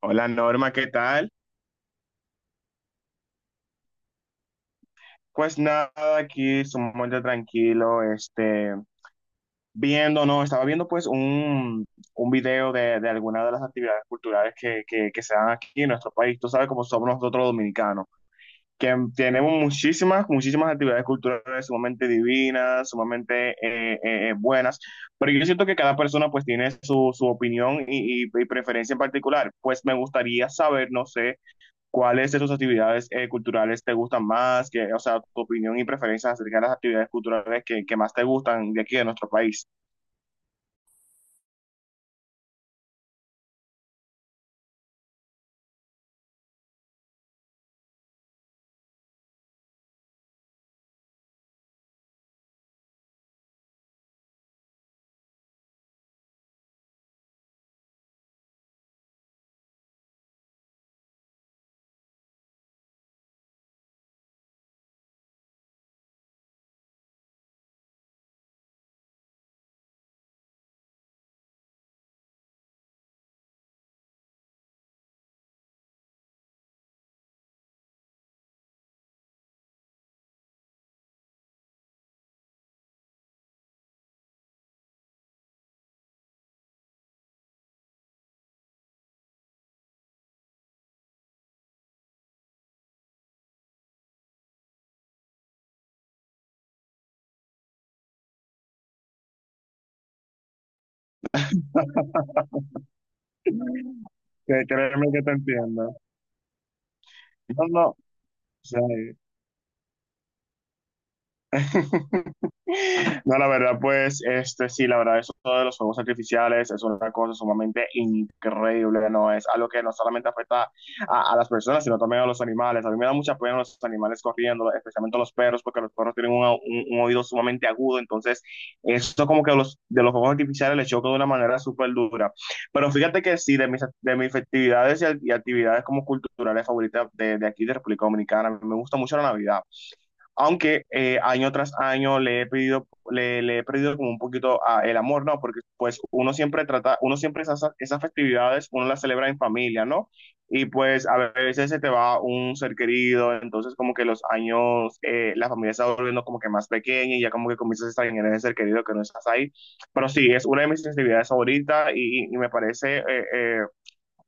Hola Norma, ¿qué tal? Pues nada, aquí sumamente tranquilo, viendo, no, estaba viendo pues un video de alguna de las actividades culturales que se dan aquí en nuestro país. Tú sabes cómo somos nosotros los dominicanos, que tenemos muchísimas actividades culturales sumamente divinas, sumamente buenas, pero yo siento que cada persona pues tiene su opinión y preferencia en particular. Pues me gustaría saber, no sé. ¿Cuáles de sus actividades culturales te gustan más? Que, o sea, tu opinión y preferencia acerca de las actividades culturales que más te gustan de aquí de nuestro país. Que créeme que te entiendo. No, no. Sí. No, la verdad, pues, este, sí, la verdad, eso de los fuegos artificiales es una cosa sumamente increíble, ¿no? Es algo que no solamente afecta a las personas, sino también a los animales. A mí me da mucha pena los animales corriendo, especialmente los perros, porque los perros tienen un oído sumamente agudo, entonces, esto como que los, de los fuegos artificiales les choca de una manera súper dura. Pero fíjate que sí, de mis actividades y actividades como culturales favoritas de aquí de República Dominicana, me gusta mucho la Navidad aunque año tras año le he pedido, le he perdido como un poquito a el amor, ¿no? Porque pues uno siempre trata, uno siempre esas festividades, uno las celebra en familia, ¿no? Y pues a veces se te va un ser querido, entonces como que los años, la familia se va volviendo como que más pequeña y ya como que comienzas a extrañar ese ser querido que no estás ahí. Pero sí, es una de mis festividades favoritas y me parece... eh,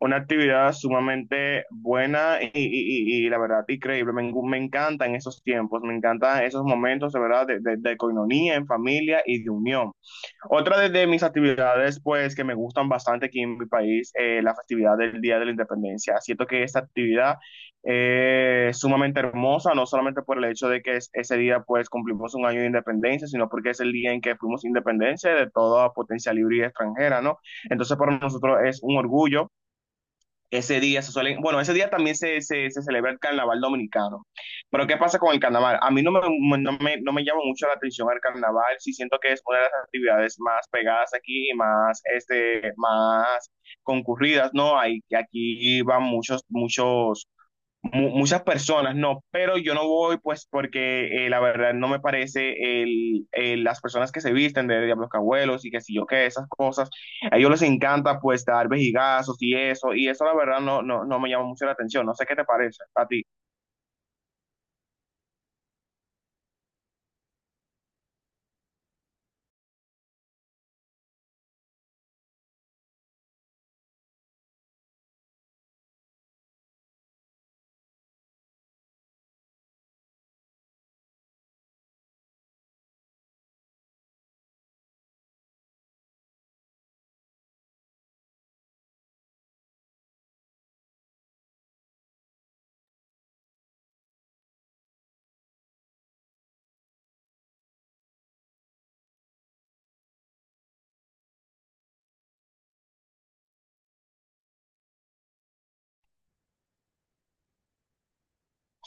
una actividad sumamente buena y la verdad increíble. Me encantan esos tiempos, me encantan esos momentos de verdad de coinonía en familia y de unión. Otra de mis actividades pues que me gustan bastante aquí en mi país, la festividad del Día de la Independencia. Siento que esta actividad es sumamente hermosa, no solamente por el hecho de que ese día pues cumplimos un año de independencia, sino porque es el día en que fuimos independencia de toda potencia libre y extranjera, ¿no? Entonces para nosotros es un orgullo ese día se suelen, bueno, ese día también se celebra el carnaval dominicano. Pero ¿qué pasa con el carnaval? A mí no me, no me, no me llama mucho la atención el carnaval, sí siento que es una de las actividades más pegadas aquí, más, este, más concurridas, ¿no? Hay, aquí van muchos muchas personas no, pero yo no voy pues porque la verdad no me parece las personas que se visten de Diablos Cabuelos y que si yo qué, esas cosas, a ellos les encanta pues dar vejigazos y eso la verdad no me llama mucho la atención, no sé qué te parece a ti.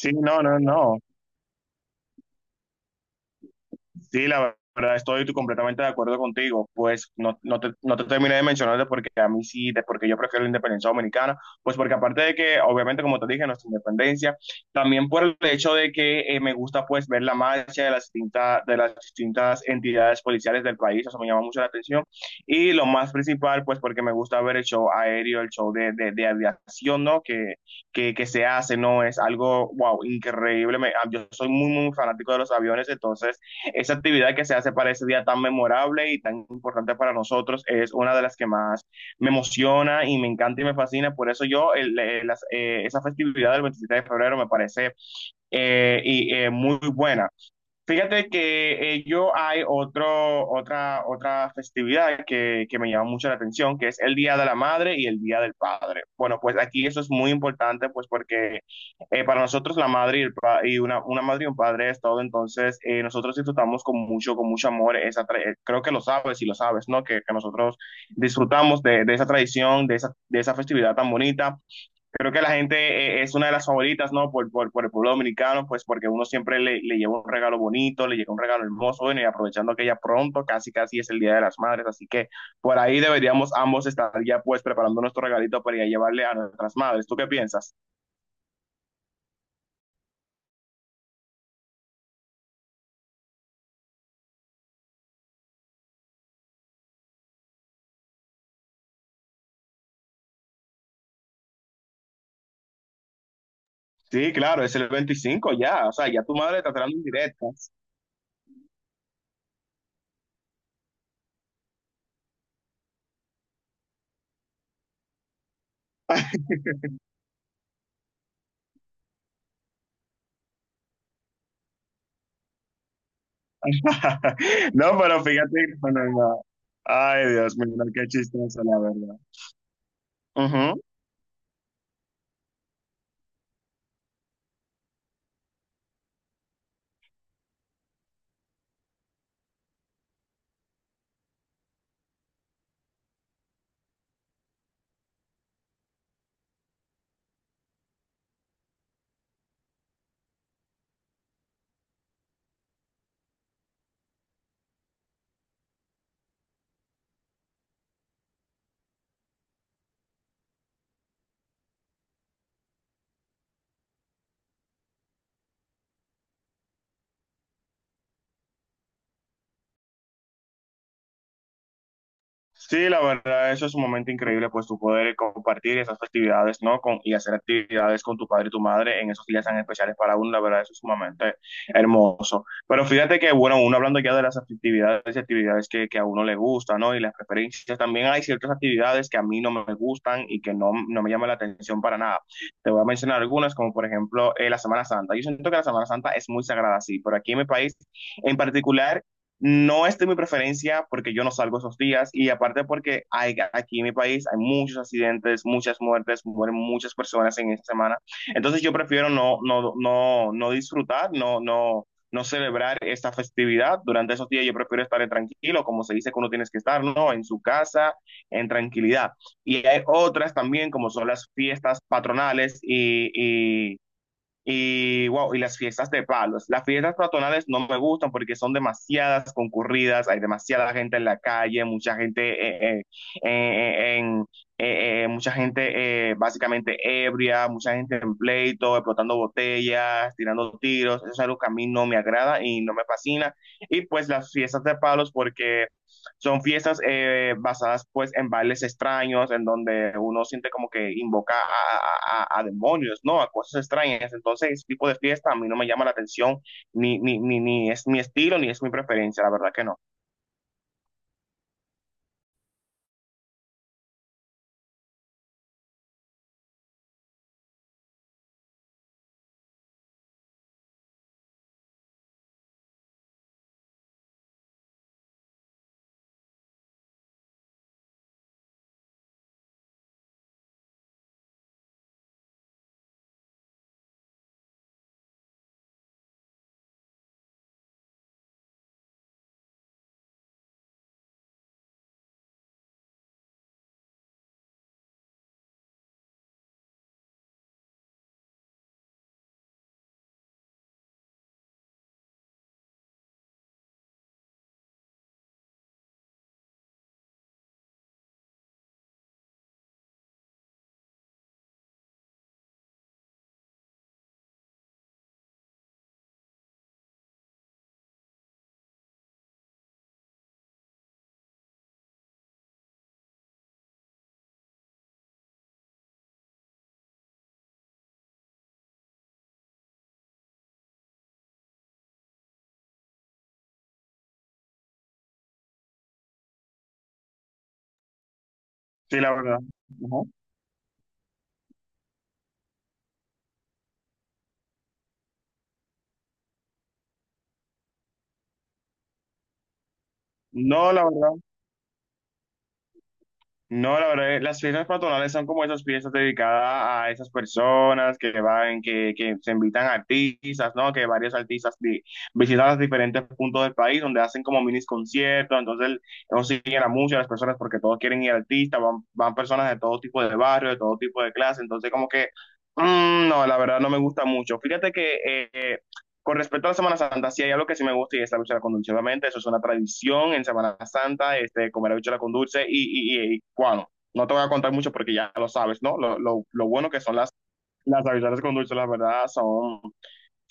Sí, no, no, no. Sí, la verdad estoy tú completamente de acuerdo contigo. Pues no te terminé de mencionar de por qué a mí sí, de por qué yo prefiero la independencia dominicana. Pues porque aparte de que, obviamente, como te dije, nuestra independencia, también por el hecho de que me gusta pues ver la marcha de de las distintas entidades policiales del país, eso me llama mucho la atención. Y lo más principal, pues porque me gusta ver el show aéreo, el show de aviación, ¿no? Que se hace, ¿no? Es algo, wow, increíble. Yo soy muy fanático de los aviones, entonces... Esa actividad que se hace para ese día tan memorable y tan importante para nosotros es una de las que más me emociona y me encanta y me fascina. Por eso yo, el- las- esa festividad del 27 de febrero me parece muy buena. Fíjate que yo hay otra festividad que me llama mucho la atención, que es el Día de la Madre y el Día del Padre. Bueno, pues aquí eso es muy importante, pues porque para nosotros la madre y una madre y un padre es todo, entonces nosotros disfrutamos con mucho amor esa. Creo que lo sabes y lo sabes, ¿no? Que nosotros disfrutamos de esa tradición, de esa festividad tan bonita. Creo que la gente es una de las favoritas, ¿no? Por el pueblo dominicano, pues porque uno siempre le lleva un regalo bonito, le llega un regalo hermoso, bueno, y aprovechando que ya pronto, casi casi es el Día de las Madres, así que por ahí deberíamos ambos estar ya pues preparando nuestro regalito para ir a llevarle a nuestras madres. ¿Tú qué piensas? Sí, claro, es el 25 ya, o sea, ya tu madre está esperando en directo. No, pero fíjate, bueno, no. Ay, Dios mío, no, qué chistoso, la verdad. Ujú. Sí, la verdad, eso es un momento increíble, pues tú poder compartir esas festividades, ¿no? Con, y hacer actividades con tu padre y tu madre en esos días tan especiales para uno, la verdad, eso es sumamente hermoso. Pero fíjate que, bueno, uno hablando ya de las actividades y actividades que a uno le gusta, ¿no? Y las preferencias, también hay ciertas actividades que a mí no me gustan y que no, no me llaman la atención para nada. Te voy a mencionar algunas, como por ejemplo la Semana Santa. Yo siento que la Semana Santa es muy sagrada, sí, pero aquí en mi país en particular no es de mi preferencia porque yo no salgo esos días y aparte porque hay, aquí en mi país hay muchos accidentes, muchas muertes, mueren muchas personas en esta semana. Entonces yo prefiero no disfrutar, no celebrar esta festividad. Durante esos días yo prefiero estar tranquilo, como se dice que uno tienes que estar, ¿no? En su casa, en tranquilidad. Y hay otras también, como son las fiestas patronales y wow, y las fiestas de palos. Las fiestas patronales no me gustan porque son demasiadas concurridas, hay demasiada gente en la calle, mucha gente eh, en, mucha gente básicamente ebria, mucha gente en pleito, explotando botellas, tirando tiros. Eso es algo que a mí no me agrada y no me fascina. Y pues las fiestas de palos porque son fiestas basadas pues en bailes extraños, en donde uno siente como que invoca a demonios, ¿no? A cosas extrañas. Entonces, ese tipo de fiesta a mí no me llama la atención, ni es mi estilo, ni es mi preferencia, la verdad que no. Sí, la verdad. Ujú. No, la verdad. No, la verdad, las fiestas patronales son como esas fiestas dedicadas a esas personas que van, que se invitan artistas, ¿no? Que varios artistas visitan los diferentes puntos del país donde hacen como minis conciertos, entonces consiguen a muchas las personas porque todos quieren ir al artista, van, van personas de todo tipo de barrio, de todo tipo de clase, entonces como que, mm, no, la verdad no me gusta mucho. Fíjate que... con respecto a la Semana Santa, sí hay algo que sí me gusta y es la bichuela con dulce. Obviamente, eso es una tradición en Semana Santa, este, comer la bichuela con dulce y, bueno, no te voy a contar mucho porque ya lo sabes, ¿no? Lo bueno que son las habichuelas con dulce, la verdad, son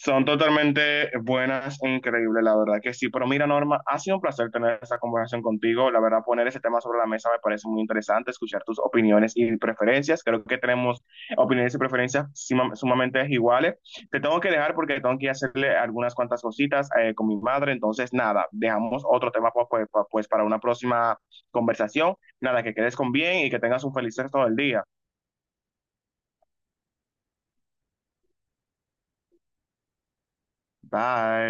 son totalmente buenas e increíbles, la verdad que sí. Pero mira, Norma, ha sido un placer tener esta conversación contigo. La verdad, poner ese tema sobre la mesa me parece muy interesante, escuchar tus opiniones y preferencias. Creo que tenemos opiniones y preferencias sumamente iguales. Te tengo que dejar porque tengo que hacerle algunas cuantas cositas con mi madre. Entonces, nada, dejamos otro tema pues, para una próxima conversación. Nada, que quedes con bien y que tengas un feliz resto del día. Bye.